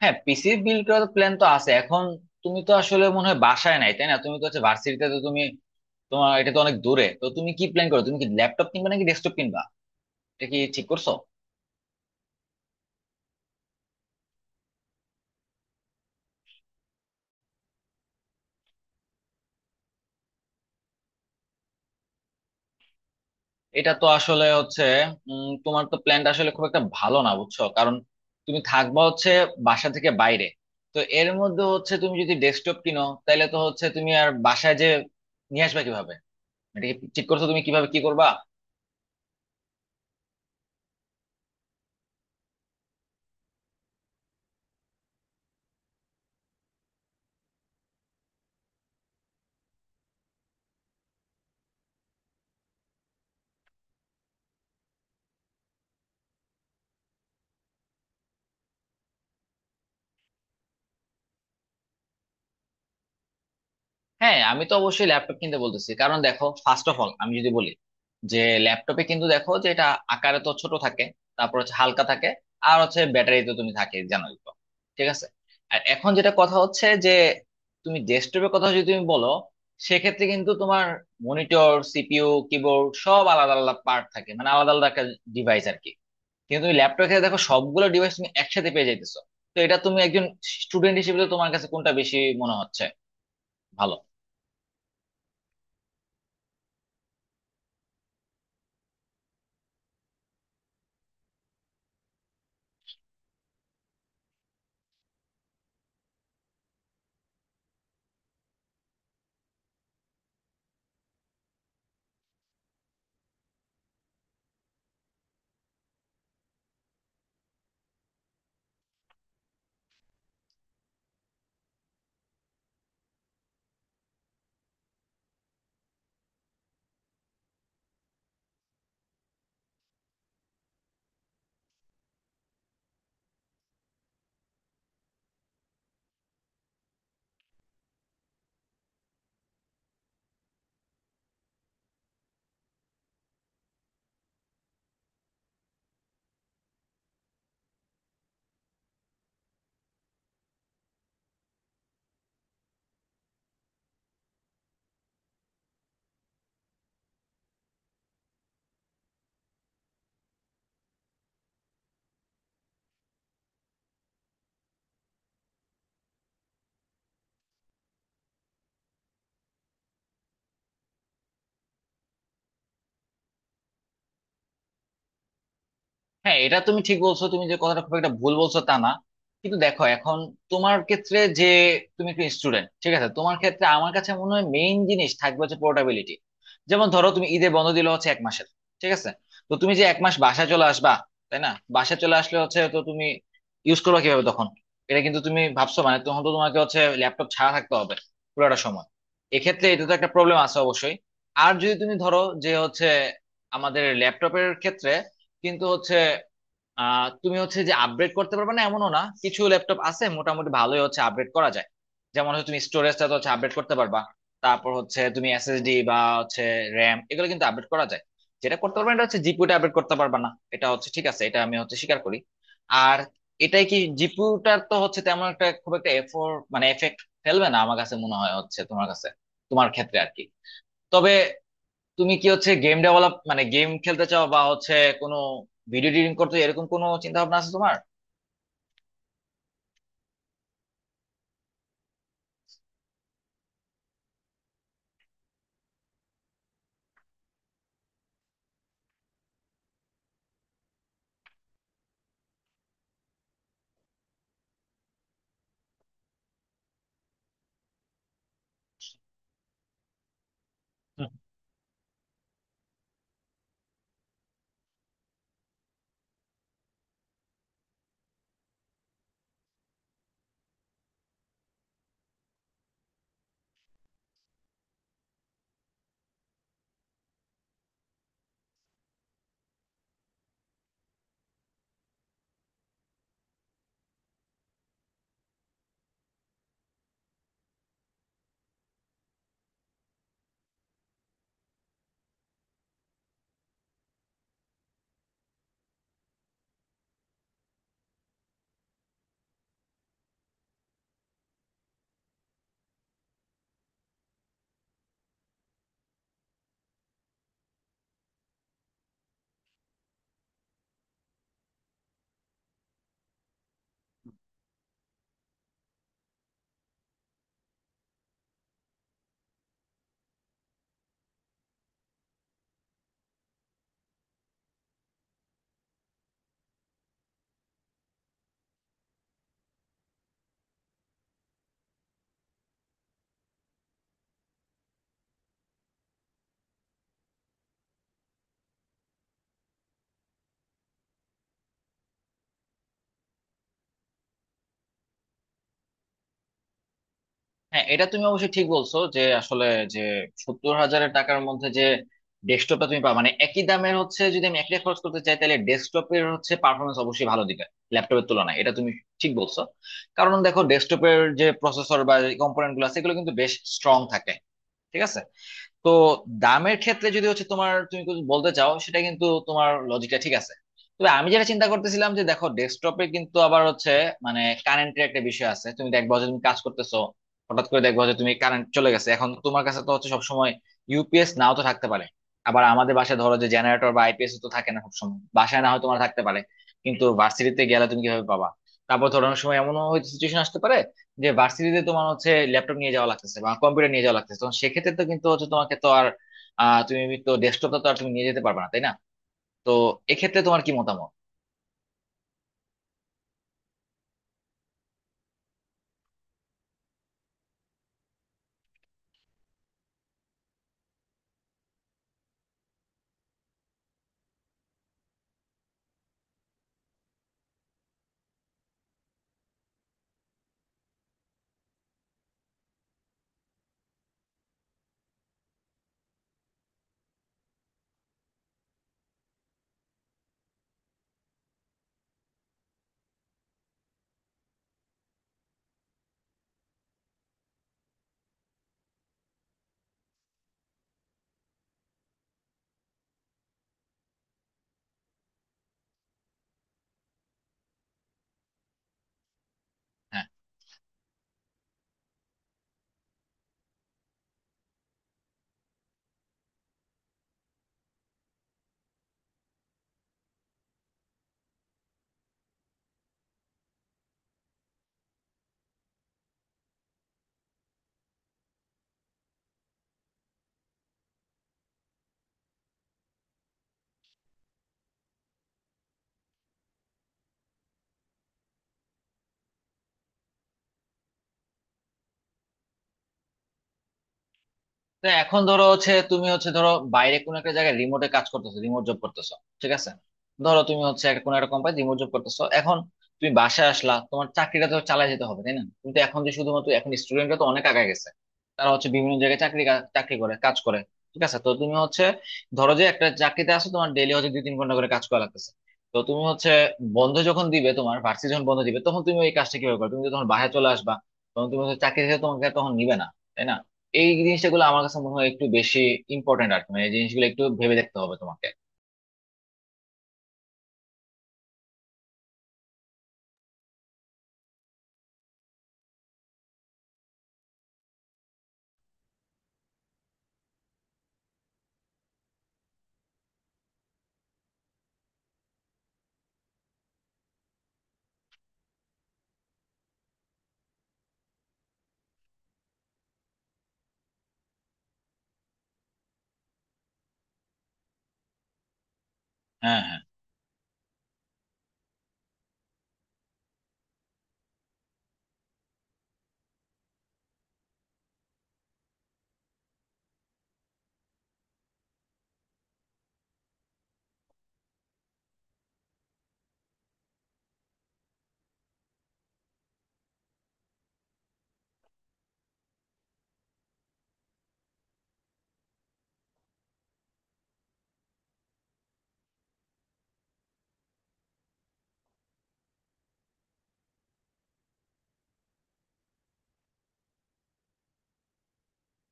হ্যাঁ, PC build করার plan তো আছে। এখন তুমি তো আসলে মনে হয় বাসায় নাই, তাই না? তুমি তো হচ্ছে ভার্সিটিতে, তো তুমি, তোমার এটা তো অনেক দূরে। তো তুমি কি প্ল্যান করো? তুমি কি ল্যাপটপ কিনবা নাকি ডেস্কটপ কিনবা? এটা কি ঠিক করছো? এটা তো আসলে হচ্ছে তোমার তো প্ল্যানটা আসলে খুব একটা ভালো না বুঝছো। কারণ তুমি থাকবা হচ্ছে বাসা থেকে বাইরে। তো এর মধ্যে হচ্ছে তুমি যদি ডেস্কটপ কিনো, তাহলে তো হচ্ছে তুমি আর বাসায় যে নিয়ে আসবা কিভাবে? এটা কি ঠিক করছো তুমি, কিভাবে কি করবা? হ্যাঁ, আমি তো অবশ্যই ল্যাপটপ কিনতে বলতেছি। কারণ দেখো, ফার্স্ট অফ অল আমি যদি বলি যে ল্যাপটপে কিন্তু দেখো যে এটা আকারে তো ছোট থাকে, তারপর হচ্ছে হালকা থাকে, আর হচ্ছে ব্যাটারি তো তুমি থাকে জানোই তো, ঠিক আছে। আর এখন যেটা কথা হচ্ছে যে তুমি ডেস্কটপের কথা যদি তুমি বলো, সেক্ষেত্রে কিন্তু তোমার মনিটর, সিপিইউ, কিবোর্ড সব আলাদা আলাদা পার্ট থাকে, মানে আলাদা আলাদা একটা ডিভাইস আর কি। কিন্তু তুমি ল্যাপটপে ক্ষেত্রে দেখো সবগুলো ডিভাইস তুমি একসাথে পেয়ে যাইতেছো। তো এটা তুমি একজন স্টুডেন্ট হিসেবে তো তোমার কাছে কোনটা বেশি মনে হচ্ছে ভালো? হ্যাঁ, এটা তুমি ঠিক বলছো, তুমি যে কথাটা খুব একটা ভুল বলছো তা না। কিন্তু দেখো, এখন তোমার ক্ষেত্রে যে তুমি একটু স্টুডেন্ট, ঠিক আছে, তোমার ক্ষেত্রে আমার কাছে মনে হয় মেইন জিনিস থাকবে হচ্ছে পোর্টাবিলিটি। যেমন ধরো তুমি ঈদে বন্ধ দিলে হচ্ছে এক মাসের, ঠিক আছে, তো তুমি যে এক মাস বাসায় চলে আসবা, তাই না? বাসায় চলে আসলে হচ্ছে তো তুমি ইউজ করবে কিভাবে তখন? এটা কিন্তু তুমি ভাবছো, মানে তখন তো তোমাকে হচ্ছে ল্যাপটপ ছাড়া থাকতে হবে পুরোটা সময়। এক্ষেত্রে এটা তো একটা প্রবলেম আছে অবশ্যই। আর যদি তুমি ধরো যে হচ্ছে আমাদের ল্যাপটপের ক্ষেত্রে কিন্তু হচ্ছে তুমি হচ্ছে যে আপগ্রেড করতে পারবে না এমনও না, কিছু ল্যাপটপ আছে মোটামুটি ভালোই হচ্ছে আপগ্রেড করা যায়। যেমন হচ্ছে তুমি স্টোরেজটা তো হচ্ছে আপডেট করতে পারবা, তারপর হচ্ছে তুমি এসএসডি বা হচ্ছে র্যাম, এগুলো কিন্তু আপডেট করা যায়। যেটা করতে পারবে না, এটা হচ্ছে জিপিউটা আপডেট করতে পারবা না। এটা হচ্ছে ঠিক আছে, এটা আমি হচ্ছে স্বীকার করি। আর এটাই কি, জিপিউটার তো হচ্ছে তেমন একটা খুব একটা এফোর্ট মানে এফেক্ট ফেলবে না আমার কাছে মনে হয় হচ্ছে তোমার কাছে, তোমার ক্ষেত্রে আর কি। তবে তুমি কি হচ্ছে গেম ডেভেলপ মানে গেম খেলতে চাও বা হচ্ছে কোনো ভিডিও এডিটিং করতে চাও, এরকম কোনো চিন্তা ভাবনা আছে তোমার? হুম। হ্যাঁ, এটা তুমি অবশ্যই ঠিক বলছো যে আসলে যে 70,000 এর টাকার মধ্যে যে ডেস্কটপটা তুমি পাবা, মানে একই দামের হচ্ছে, যদি আমি একটাই খরচ করতে চাই তাহলে ডেস্কটপের হচ্ছে পারফরমেন্স অবশ্যই ভালো দিবে ল্যাপটপের তুলনায়। এটা তুমি ঠিক বলছো। কারণ দেখো ডেস্কটপের যে প্রসেসর বা কম্পোনেন্ট গুলো আছে, এগুলো কিন্তু বেশ স্ট্রং থাকে, ঠিক আছে। তো দামের ক্ষেত্রে যদি হচ্ছে তোমার তুমি কিছু বলতে চাও, সেটা কিন্তু তোমার লজিকটা ঠিক আছে। তবে আমি যেটা চিন্তা করতেছিলাম, যে দেখো ডেস্কটপে কিন্তু আবার হচ্ছে মানে কারেন্টের একটা বিষয় আছে, তুমি দেখবা যে তুমি কাজ করতেছো, হঠাৎ করে দেখবা যে তুমি কারেন্ট চলে গেছে, এখন তোমার কাছে তো হচ্ছে সবসময় ইউপিএস নাও তো থাকতে পারে। আবার আমাদের বাসায় ধরো যে জেনারেটর বা আইপিএস তো থাকে না সবসময়, বাসায় না হয় তোমার থাকতে পারে, কিন্তু ভার্সিটিতে গেলে তুমি কিভাবে পাবা? তারপর ধরো অনেক সময় এমনও হয়তো সিচুয়েশন আসতে পারে যে ভার্সিটিতে তোমার হচ্ছে ল্যাপটপ নিয়ে যাওয়া লাগতেছে বা কম্পিউটার নিয়ে যাওয়া লাগতেছে, তো সেক্ষেত্রে তো কিন্তু হচ্ছে তোমাকে তো আর তুমি তো ডেস্কটপটা তো আর তুমি নিয়ে যেতে পারবে না, তাই না? তো এক্ষেত্রে তোমার কি মতামত? হ্যাঁ। তো এখন ধরো হচ্ছে তুমি হচ্ছে ধরো বাইরে কোনো একটা জায়গায় রিমোটে কাজ করতেছো, রিমোট জব করতেছো, ঠিক আছে। ধরো তুমি হচ্ছে একটা কোনো একটা কোম্পানি রিমোট জব করতেছো এখন। তুমি বাসায় আসলা, তোমার চাকরিটা তো চালিয়ে যেতে হবে, তাই না? তুমি তো এখন যে শুধুমাত্র এখন স্টুডেন্টরা তো অনেক আগায় গেছে, তারা হচ্ছে বিভিন্ন জায়গায় চাকরি করে কাজ করে, ঠিক আছে। তো তুমি হচ্ছে ধরো যে একটা চাকরিতে আছো, তোমার ডেইলি হচ্ছে দুই তিন ঘন্টা করে কাজ করা লাগতেছে। তো তুমি হচ্ছে বন্ধ যখন দিবে, তোমার ভার্সিটি যখন বন্ধ দিবে, তখন তুমি ওই কাজটা কিভাবে করবে? তুমি তো তখন বাসায় চলে আসবা, তখন তুমি হচ্ছে চাকরি থেকে তোমাকে আর তখন নিবে না, তাই না? এই জিনিসটা গুলো আমার কাছে মনে হয় একটু বেশি ইম্পর্টেন্ট আর কি। মানে এই জিনিসগুলো একটু ভেবে দেখতে হবে তোমাকে। হ্যাঁ হ্যাঁ।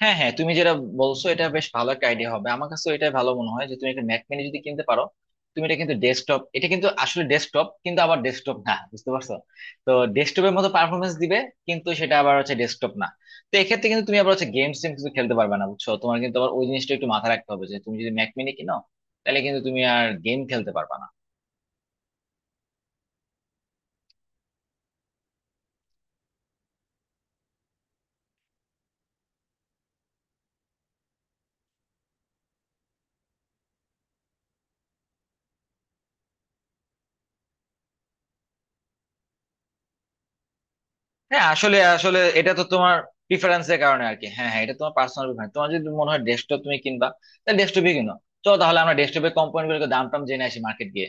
তুমি যেটা বলছো এটা বেশ ভালো একটা আইডিয়া হবে আমার কাছে, এটা ভালো মনে হয় যে তুমি একটা ম্যাক মিনি যদি কিনতে পারো। তুমি এটা কিন্তু ডেস্কটপ, এটা কিন্তু আসলে ডেস্কটপ কিন্তু আবার ডেস্কটপ না, বুঝতে পারছো? তো ডেস্কটপের মতো পারফরমেন্স দিবে কিন্তু সেটা আবার হচ্ছে ডেস্কটপ না। তো এক্ষেত্রে কিন্তু তুমি আবার হচ্ছে গেমস টেম কিন্তু খেলতে পারবে না বুঝছো, তোমার কিন্তু আবার ওই জিনিসটা একটু মাথায় রাখতে হবে যে তুমি যদি ম্যাক মিনি কিনো, তাহলে কিন্তু তুমি আর গেম খেলতে পারবে না। হ্যাঁ, আসলে আসলে এটা তো তোমার প্রিফারেন্সের কারণে আর কি। হ্যাঁ হ্যাঁ, এটা তোমার পার্সোনাল প্রিফারেন্স। তোমার যদি মনে হয় ডেস্কটপ তুমি কিনবা, তাহলে ডেস্কটপই কিনো। চলো তাহলে আমরা ডেস্কটপের কম্পোনেন্ট গুলোকে দাম টাম জেনে আসি মার্কেট গিয়ে।